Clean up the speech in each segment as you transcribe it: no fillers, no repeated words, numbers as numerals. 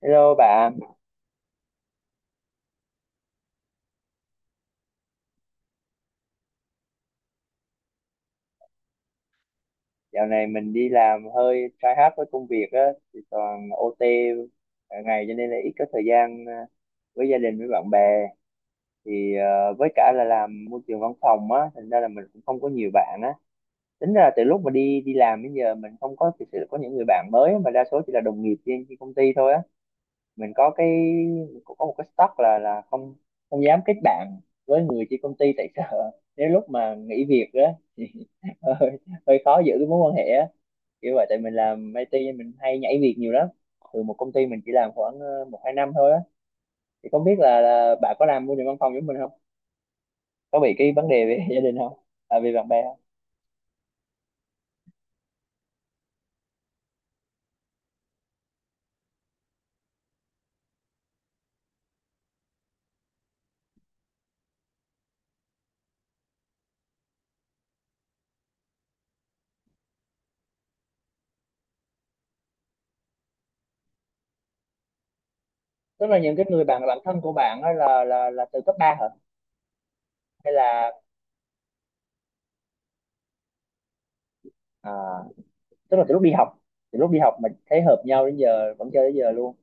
Hello bạn, dạo này mình đi làm hơi trái hard với công việc á, thì toàn OT cả ngày cho nên là ít có thời gian à, với gia đình với bạn bè. Thì à, với cả là làm môi trường văn phòng á, thành ra là mình cũng không có nhiều bạn á. Tính ra là từ lúc mà đi đi làm đến giờ mình không có thực sự có những người bạn mới, mà đa số chỉ là đồng nghiệp trên trên công ty thôi á. Mình có cái Cũng có một cái stock là không không dám kết bạn với người trên công ty, tại sợ nếu lúc mà nghỉ việc á thì hơi, hơi khó giữ cái mối quan hệ á, kiểu vậy. Tại mình làm IT nên mình hay nhảy việc nhiều lắm, từ một công ty mình chỉ làm khoảng một hai năm thôi á. Thì không biết là, bà có làm môi trường văn phòng giống mình không, có bị cái vấn đề về gia đình không, à, về bạn bè không? Tức là những cái người bạn bạn thân của bạn á là từ cấp 3 hả, hay là à, tức là từ lúc đi học, mình thấy hợp nhau đến giờ vẫn chơi đến giờ luôn?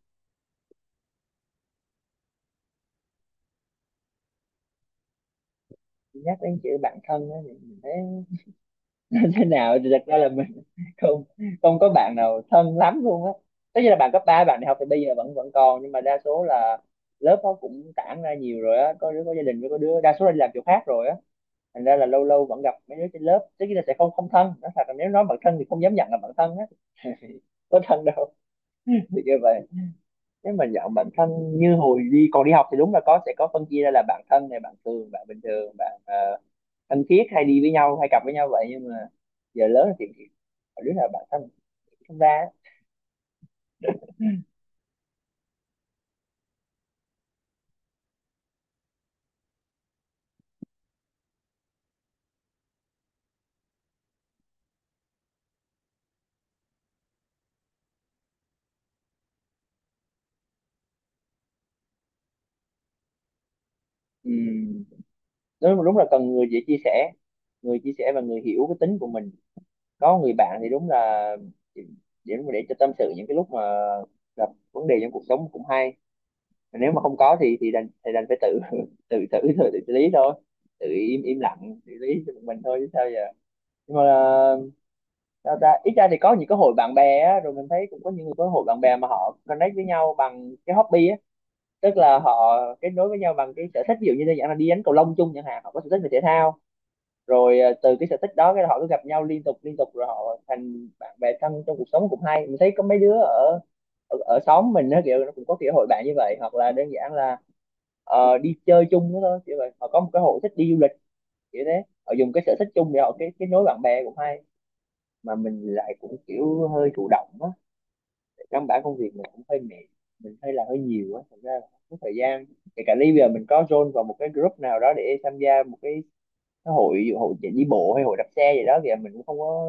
Nhắc đến chữ bạn thân á thì mình thấy nó thế nào thì thật ra là mình không không có bạn nào thân lắm luôn á. Tất nhiên là bạn cấp ba bạn đại học thì bây giờ vẫn vẫn còn, nhưng mà đa số là lớp nó cũng tản ra nhiều rồi á, có đứa có gia đình, với có đứa đa số là đi làm chỗ khác rồi á. Thành ra là lâu lâu vẫn gặp mấy đứa trên lớp, tất nhiên là sẽ không không thân, nói thật là nếu nói bạn thân thì không dám nhận là bạn thân á. Có thân đâu. Thì như vậy, nếu mà dạng bản thân như hồi còn đi học thì đúng là có, sẽ có phân chia ra là bạn thân này, bạn thường, bạn bình thường, bạn thân thiết hay đi với nhau hay cặp với nhau vậy, nhưng mà giờ lớn thì đứa nào bạn thân không ra á. Ừm, đúng, đúng là cần người dễ chia sẻ, người chia sẻ và người hiểu cái tính của mình. Có người bạn thì đúng là để, để cho tâm sự những cái lúc mà gặp vấn đề trong cuộc sống cũng hay. Mà nếu mà không có thì đành phải tự tự xử lý thôi, tự im im lặng xử lý cho mình thôi chứ sao giờ. Nhưng mà là, sao ta, ít ra thì có những cái hội bạn bè á, rồi mình thấy cũng có những người có hội bạn bè mà họ connect với nhau bằng cái hobby á, tức là họ kết nối với nhau bằng cái sở thích. Ví dụ như đơn giản là đi đánh cầu lông chung chẳng hạn, họ có sở thích về thể thao, rồi từ cái sở thích đó cái họ cứ gặp nhau liên tục rồi họ thành bạn bè thân trong cuộc sống cũng hay. Mình thấy có mấy đứa ở ở xóm mình á kiểu nó cũng có kiểu hội bạn như vậy, hoặc là đơn giản là đi chơi chung đó thôi, kiểu vậy, họ có một cái hội thích đi du lịch kiểu thế, họ dùng cái sở thích chung để họ cái kết nối bạn bè cũng hay. Mà mình lại cũng kiểu hơi thụ động á, căn bản công việc mình cũng hơi mệt, mình hơi là hơi nhiều á thành ra là không có thời gian. Kể cả bây giờ mình có join vào một cái group nào đó để tham gia một cái hội hội chạy đi bộ hay hội đạp xe gì đó thì mình cũng không có,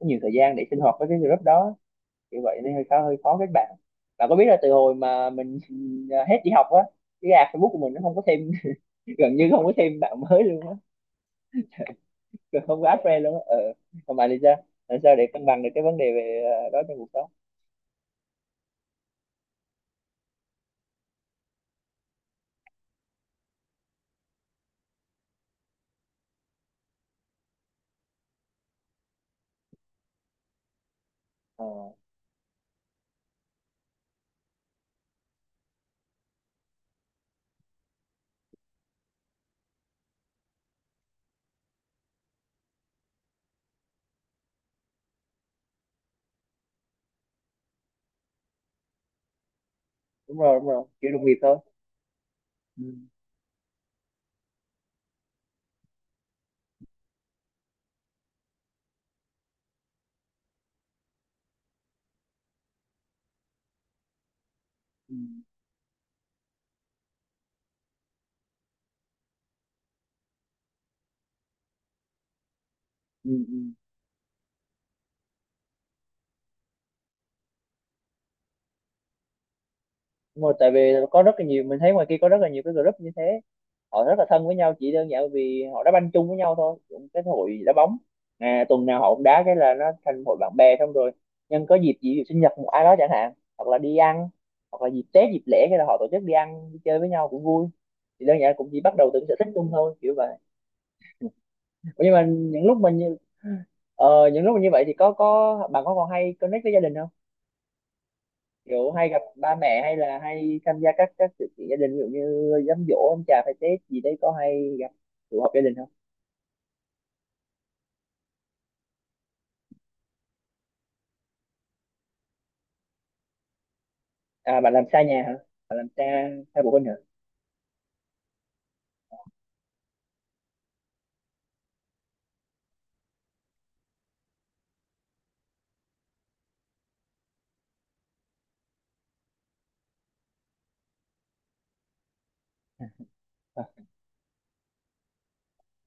có nhiều thời gian để sinh hoạt với cái group đó như vậy, nên hơi khó kết bạn. Bạn có biết là từ hồi mà mình hết đi học á, cái add Facebook của mình nó không có thêm gần như không có thêm bạn mới luôn á, không có add friend luôn á. Ờ, còn bạn thì sao, làm sao để cân bằng được cái vấn đề về đó trong cuộc sống? Ờ, đúng rồi, đúng rồi, kiểu đồng nghiệp thôi. Ừ. Ừ. Ừ. Ừ. Đúng rồi, tại vì có rất là nhiều, mình thấy ngoài kia có rất là nhiều cái group như thế, họ rất là thân với nhau chỉ đơn giản vì họ đá banh chung với nhau thôi, cũng cái hội đá bóng, à, tuần nào họ cũng đá, cái là nó thành hội bạn bè. Xong rồi nhân có dịp gì, ví dụ sinh nhật một ai đó chẳng hạn, hoặc là đi ăn, hoặc là dịp Tết dịp lễ, cái là họ tổ chức đi ăn đi chơi với nhau cũng vui. Thì đơn giản cũng chỉ bắt đầu từ cái sở thích chung thôi, kiểu vậy. Ủa, nhưng mà những lúc mình như những lúc mà như vậy thì có bạn có còn hay connect với gia đình không, kiểu hay gặp ba mẹ, hay là hay tham gia các sự kiện gia đình, ví dụ như đám giỗ ông bà phải, Tết gì đấy, có hay gặp tụ họp gia đình không? À, bạn làm xa nhà hả, bạn làm xa, xa phụ huynh hả? À,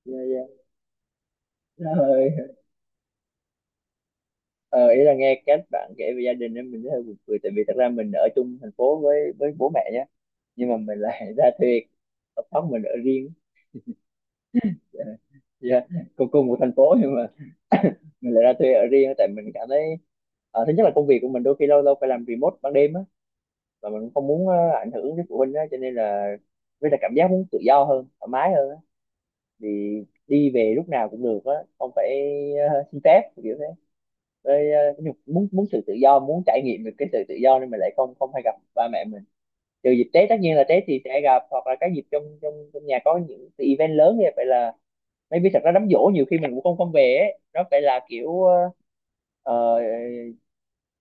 dạ, dạ. Rồi. Ờ, ý là nghe cách bạn kể về gia đình em mình thấy hơi buồn cười, tại vì thật ra mình ở chung thành phố với bố mẹ nhé, nhưng mà mình lại ra thuê ở phòng, mình ở riêng. Ờ, dạ, cùng cùng một thành phố nhưng mà mình lại ra thuê ở riêng tại mình cảm thấy thứ nhất là công việc của mình đôi khi lâu lâu phải làm remote ban đêm á, và mình cũng không muốn ảnh hưởng đến phụ huynh á cho nên là, với là cảm giác muốn tự do hơn thoải mái hơn á. Thì đi về lúc nào cũng được á, không phải xin phép kiểu thế, với muốn muốn sự tự do, muốn trải nghiệm được cái sự tự do, nên mình lại không không hay gặp ba mẹ mình, trừ dịp Tết. Tất nhiên là Tết thì sẽ gặp, hoặc là cái dịp trong trong trong nhà có những cái event lớn như vậy là, maybe thật ra đám giỗ nhiều khi mình cũng không không về ấy. Nó phải là kiểu ờ,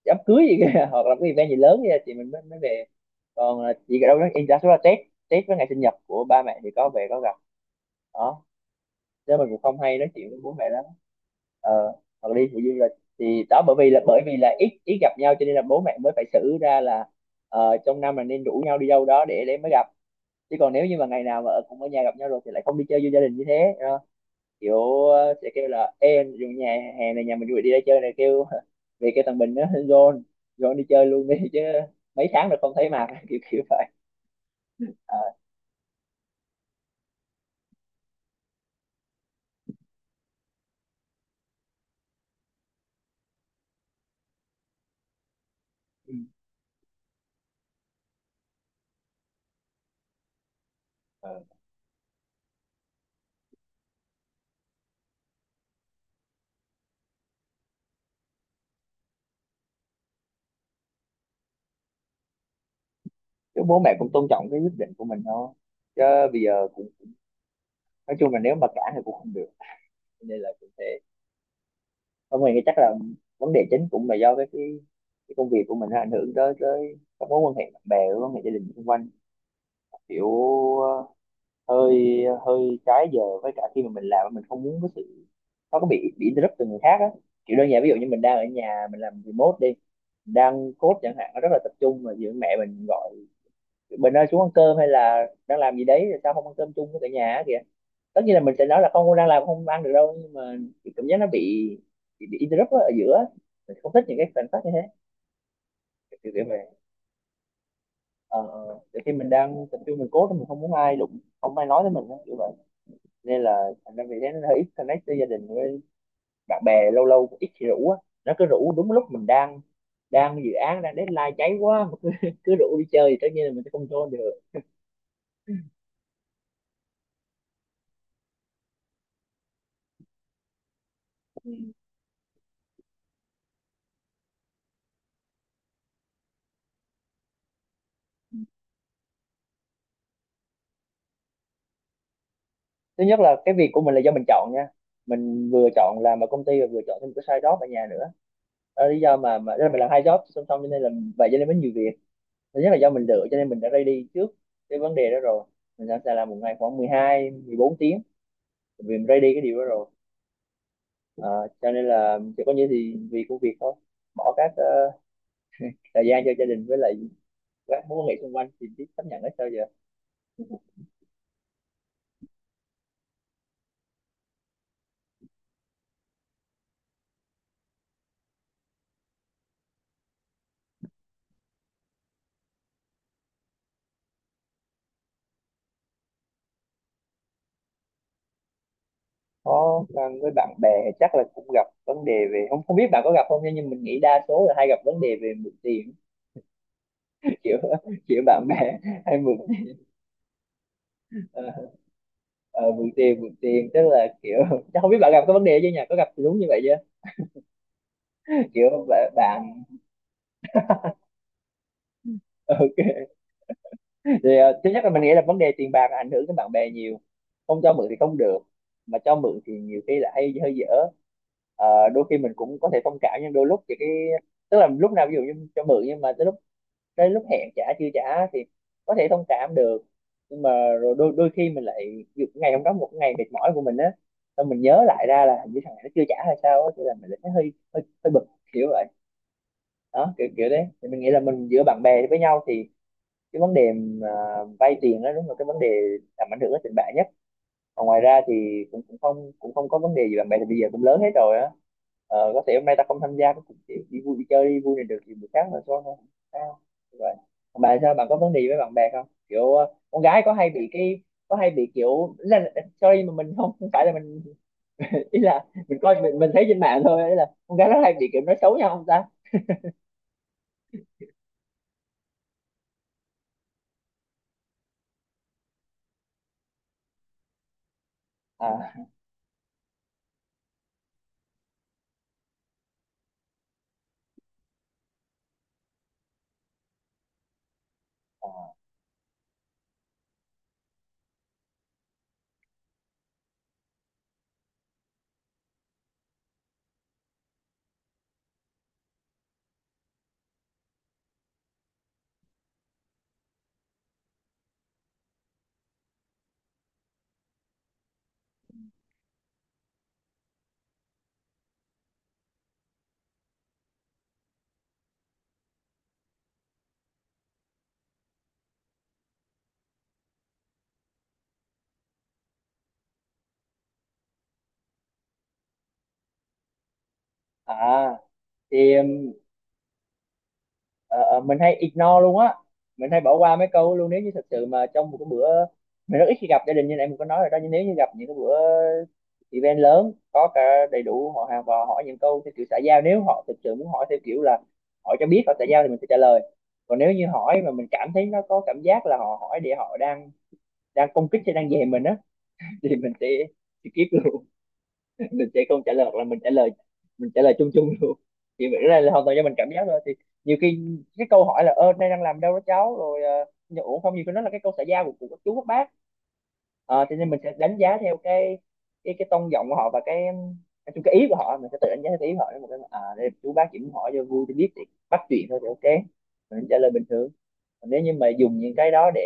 đám cưới gì kìa, hoặc là cái event gì lớn kìa thì mình mới mới về, còn là chỉ đâu đó in đa số là Tết, Tết với ngày sinh nhật của ba mẹ thì có về có gặp đó, chứ mình cũng không hay nói chuyện với bố mẹ lắm. ờ Hoặc là đi phụ du lịch, thì đó, bởi vì là ít ít gặp nhau cho nên là bố mẹ mới phải xử ra là trong năm là nên rủ nhau đi đâu đó để mới gặp, chứ còn nếu như mà ngày nào mà cũng ở nhà gặp nhau rồi thì lại không đi chơi với gia đình như thế. Kiểu sẽ kêu là em dù nhà hè này nhà mình vui, đi ra chơi này, kêu về cái thằng Bình nó John John đi chơi luôn đi, chứ mấy tháng rồi không thấy mặt, kiểu kiểu vậy. Ờ, ừ. Ờ. Chứ bố mẹ cũng tôn trọng cái quyết định của mình thôi, chứ bây giờ cũng, nói chung là nếu mà cản thì cũng không được, nên là cũng thế. Không, mình nghĩ chắc là vấn đề chính cũng là do cái công việc của mình nó ảnh hưởng tới tới các mối quan hệ bạn bè, các mối quan hệ gia đình xung quanh, kiểu ờ, hơi hơi trái giờ. Với cả khi mà mình làm mình không muốn có sự, nó có bị interrupt từ người khác á, kiểu đơn giản ví dụ như mình đang ở nhà mình làm remote đi, đang code chẳng hạn nó rất là tập trung, mà giữa mẹ mình gọi mình ơi xuống ăn cơm, hay là đang làm gì đấy sao không ăn cơm chung với cả nhà á kìa. Tất nhiên là mình sẽ nói là không, con đang làm không ăn được đâu, nhưng mà cái cảm giác nó bị bị interrupt á, ở giữa á. Mình không thích những cái khoảnh khắc như thế, kiểu kiểu vậy. Ờ. Đôi khi mình đang tập trung, mình code mình không muốn ai đụng, không ai nói với mình á, kiểu vậy. Nên là thành ra vì thế nó hơi ít connect với gia đình, với bạn bè lâu lâu cũng ít thì rủ á. Nó cứ rủ đúng lúc mình đang đang dự án, đang deadline cháy quá mà cứ, cứ rủ đi chơi thì tất nhiên là mình sẽ không control được. Thứ nhất là cái việc của mình là do mình chọn nha. Mình vừa chọn làm ở công ty và vừa chọn thêm một cái side job ở nhà nữa. Đó là lý do mà đó là mình làm hai job song song, cho nên là vậy, cho nên mới nhiều việc. Thứ nhất là do mình lựa, cho nên mình đã ready trước cái vấn đề đó rồi. Mình sẵn sàng làm một ngày khoảng 12 14 tiếng, vì mình ready cái điều đó rồi. Ờ, cho nên là chỉ có như thì vì công việc thôi, bỏ các thời gian cho gia đình với lại các mối quan hệ xung quanh thì biết chấp nhận hết sao giờ. Có với bạn bè chắc là cũng gặp vấn đề về, không không biết bạn có gặp không, nhưng mình nghĩ đa số là hay gặp vấn đề về mượn tiền. kiểu kiểu bạn bè hay mượn, ờ, ờ, mượn tiền tức là kiểu chắc không biết bạn gặp cái vấn đề chứ nhỉ, có gặp đúng như vậy chứ. Kiểu bạn ok thì thứ nhất là mình nghĩ là vấn đề tiền bạc ảnh hưởng đến bạn bè nhiều. Không cho mượn thì không được, mà cho mượn thì nhiều khi là hay hơi dở. Đôi khi mình cũng có thể thông cảm, nhưng đôi lúc thì cái, tức là lúc nào ví dụ như cho mượn nhưng mà tới lúc hẹn trả chưa trả thì có thể thông cảm được, nhưng mà rồi đôi đôi khi mình lại ví dụ ngày hôm đó một ngày mệt mỏi của mình á, xong mình nhớ lại ra là hình như thằng này nó chưa trả hay sao á, thế là mình lại thấy hơi hơi hơi bực, kiểu vậy. Đó, kiểu kiểu đấy thì mình nghĩ là mình, giữa bạn bè với nhau thì cái vấn đề mà vay tiền đó đúng là cái vấn đề làm ảnh hưởng đến tình bạn nhất. Còn ngoài ra thì cũng cũng không có vấn đề gì. Bạn bè thì bây giờ cũng lớn hết rồi á. Có thể hôm nay ta không tham gia cái cuộc chỉ đi vui đi chơi đi vui này được thì buổi sáng là thôi thôi, không sao vậy. Còn bạn sao? Bạn có vấn đề gì với bạn bè không? Kiểu con gái có hay bị cái, có hay bị kiểu, ý là sorry mà mình không không phải là mình ý là mình coi mình thấy trên mạng thôi, ý là con gái nó hay bị kiểu nói xấu nhau không ta? À, à thì ờ, mình hay ignore luôn á. Mình hay bỏ qua mấy câu luôn. Nếu như thật sự mà trong một cái bữa, mình rất ít khi gặp gia đình như này mình có nói rồi đó, nhưng nếu như gặp những cái bữa event lớn có cả đầy đủ họ hàng và hỏi những câu theo kiểu xã giao, nếu họ thực sự muốn hỏi theo kiểu là hỏi cho biết họ xã giao thì mình sẽ trả lời. Còn nếu như hỏi mà mình cảm thấy nó có cảm giác là họ hỏi để họ đang đang công kích hay đang dè mình á, thì mình sẽ skip luôn. Mình sẽ không trả lời, hoặc là mình trả lời chung chung luôn. Thì cái này là hoàn toàn do mình cảm giác thôi. Thì nhiều khi cái câu hỏi là, ơ nay đang làm đâu đó cháu rồi, ủa không, nhiều khi nó là cái câu xã giao của các chú các bác. Ờ, cho nên mình sẽ đánh giá theo cái tông giọng của họ, và cái nói chung cái ý của họ mình sẽ tự đánh giá theo cái ý của họ. Nếu mà à đây chú bác chỉ muốn hỏi cho vui cho biết thì bắt chuyện thôi thì ok, mình trả lời bình thường. Còn nếu như mà dùng những cái đó để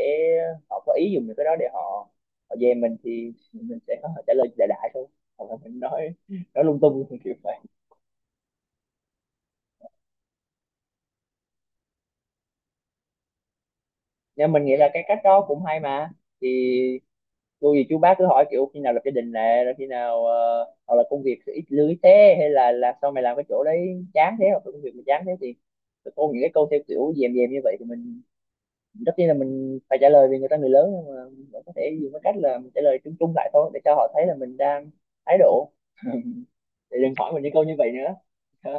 họ có ý dùng những cái đó để họ họ dè mình thì mình sẽ có trả lời đại đại thôi, hoặc là mình nói lung tung, kiểu vậy. Nhưng mình nghĩ là cái cách đó cũng hay mà. Thì cô gì chú bác cứ hỏi kiểu khi nào lập gia đình nè, rồi khi nào hoặc là công việc ít lưới thế, hay là sao mày làm cái chỗ đấy chán thế, hoặc là công việc mày chán thế thì cô những cái câu theo kiểu dèm dèm như vậy thì mình, tất nhiên là mình phải trả lời vì người ta người lớn, nhưng mà mình vẫn có thể dùng cái cách là mình trả lời chung chung lại thôi, để cho họ thấy là mình đang thái độ, để đừng hỏi mình những câu như vậy nữa. Ha.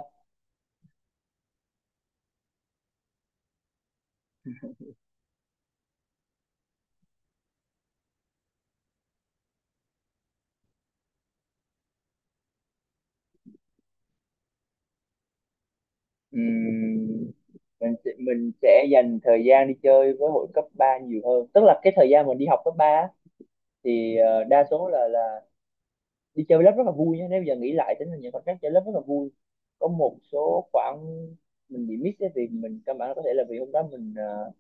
Ừm, mình sẽ dành thời gian đi chơi với hội cấp 3 nhiều hơn. Tức là cái thời gian mình đi học cấp 3 thì đa số là đi chơi lớp rất là vui nhé. Nếu bây giờ nghĩ lại tính là những khoảnh khắc chơi lớp rất là vui. Có một số khoảng mình bị miss cái việc mình căn bản, có thể là vì hôm đó mình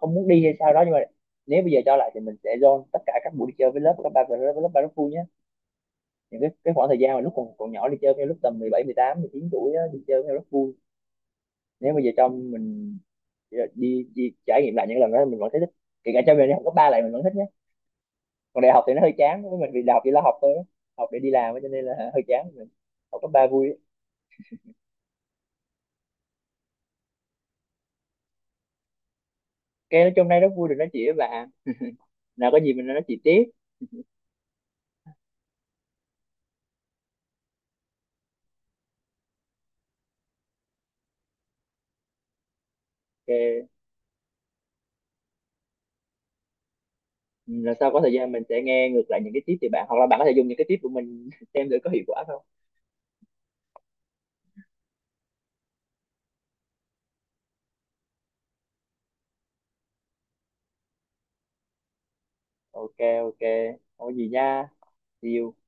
không muốn đi hay sao đó, nhưng mà nếu bây giờ cho lại thì mình sẽ dồn tất cả các buổi đi chơi với lớp, các bạn với lớp ba rất vui nhé. Những cái khoảng thời gian mà lúc còn còn nhỏ đi chơi, với lúc tầm mười 17 18 19 tuổi á, đi chơi với nhau rất vui. Nếu bây giờ cho mình đi trải nghiệm lại những lần đó mình vẫn thấy thích, kể cả cho mình đi học cấp ba lại mình vẫn thích nhé. Còn đại học thì nó hơi chán với mình, vì đại học chỉ là học thôi á. Học để đi làm á, cho nên là hơi chán. Mình học cấp ba vui. Cái nói chung nay rất vui được nói chuyện với bạn. Nào có gì mình nói chuyện tiếp. Ok. Ừ, lần sau có thời gian mình sẽ nghe ngược lại những cái tiếp từ bạn, hoặc là bạn có thể dùng những cái tiếp của mình xem thử có hiệu quả không. Ok. Ok, không có gì nha. See you.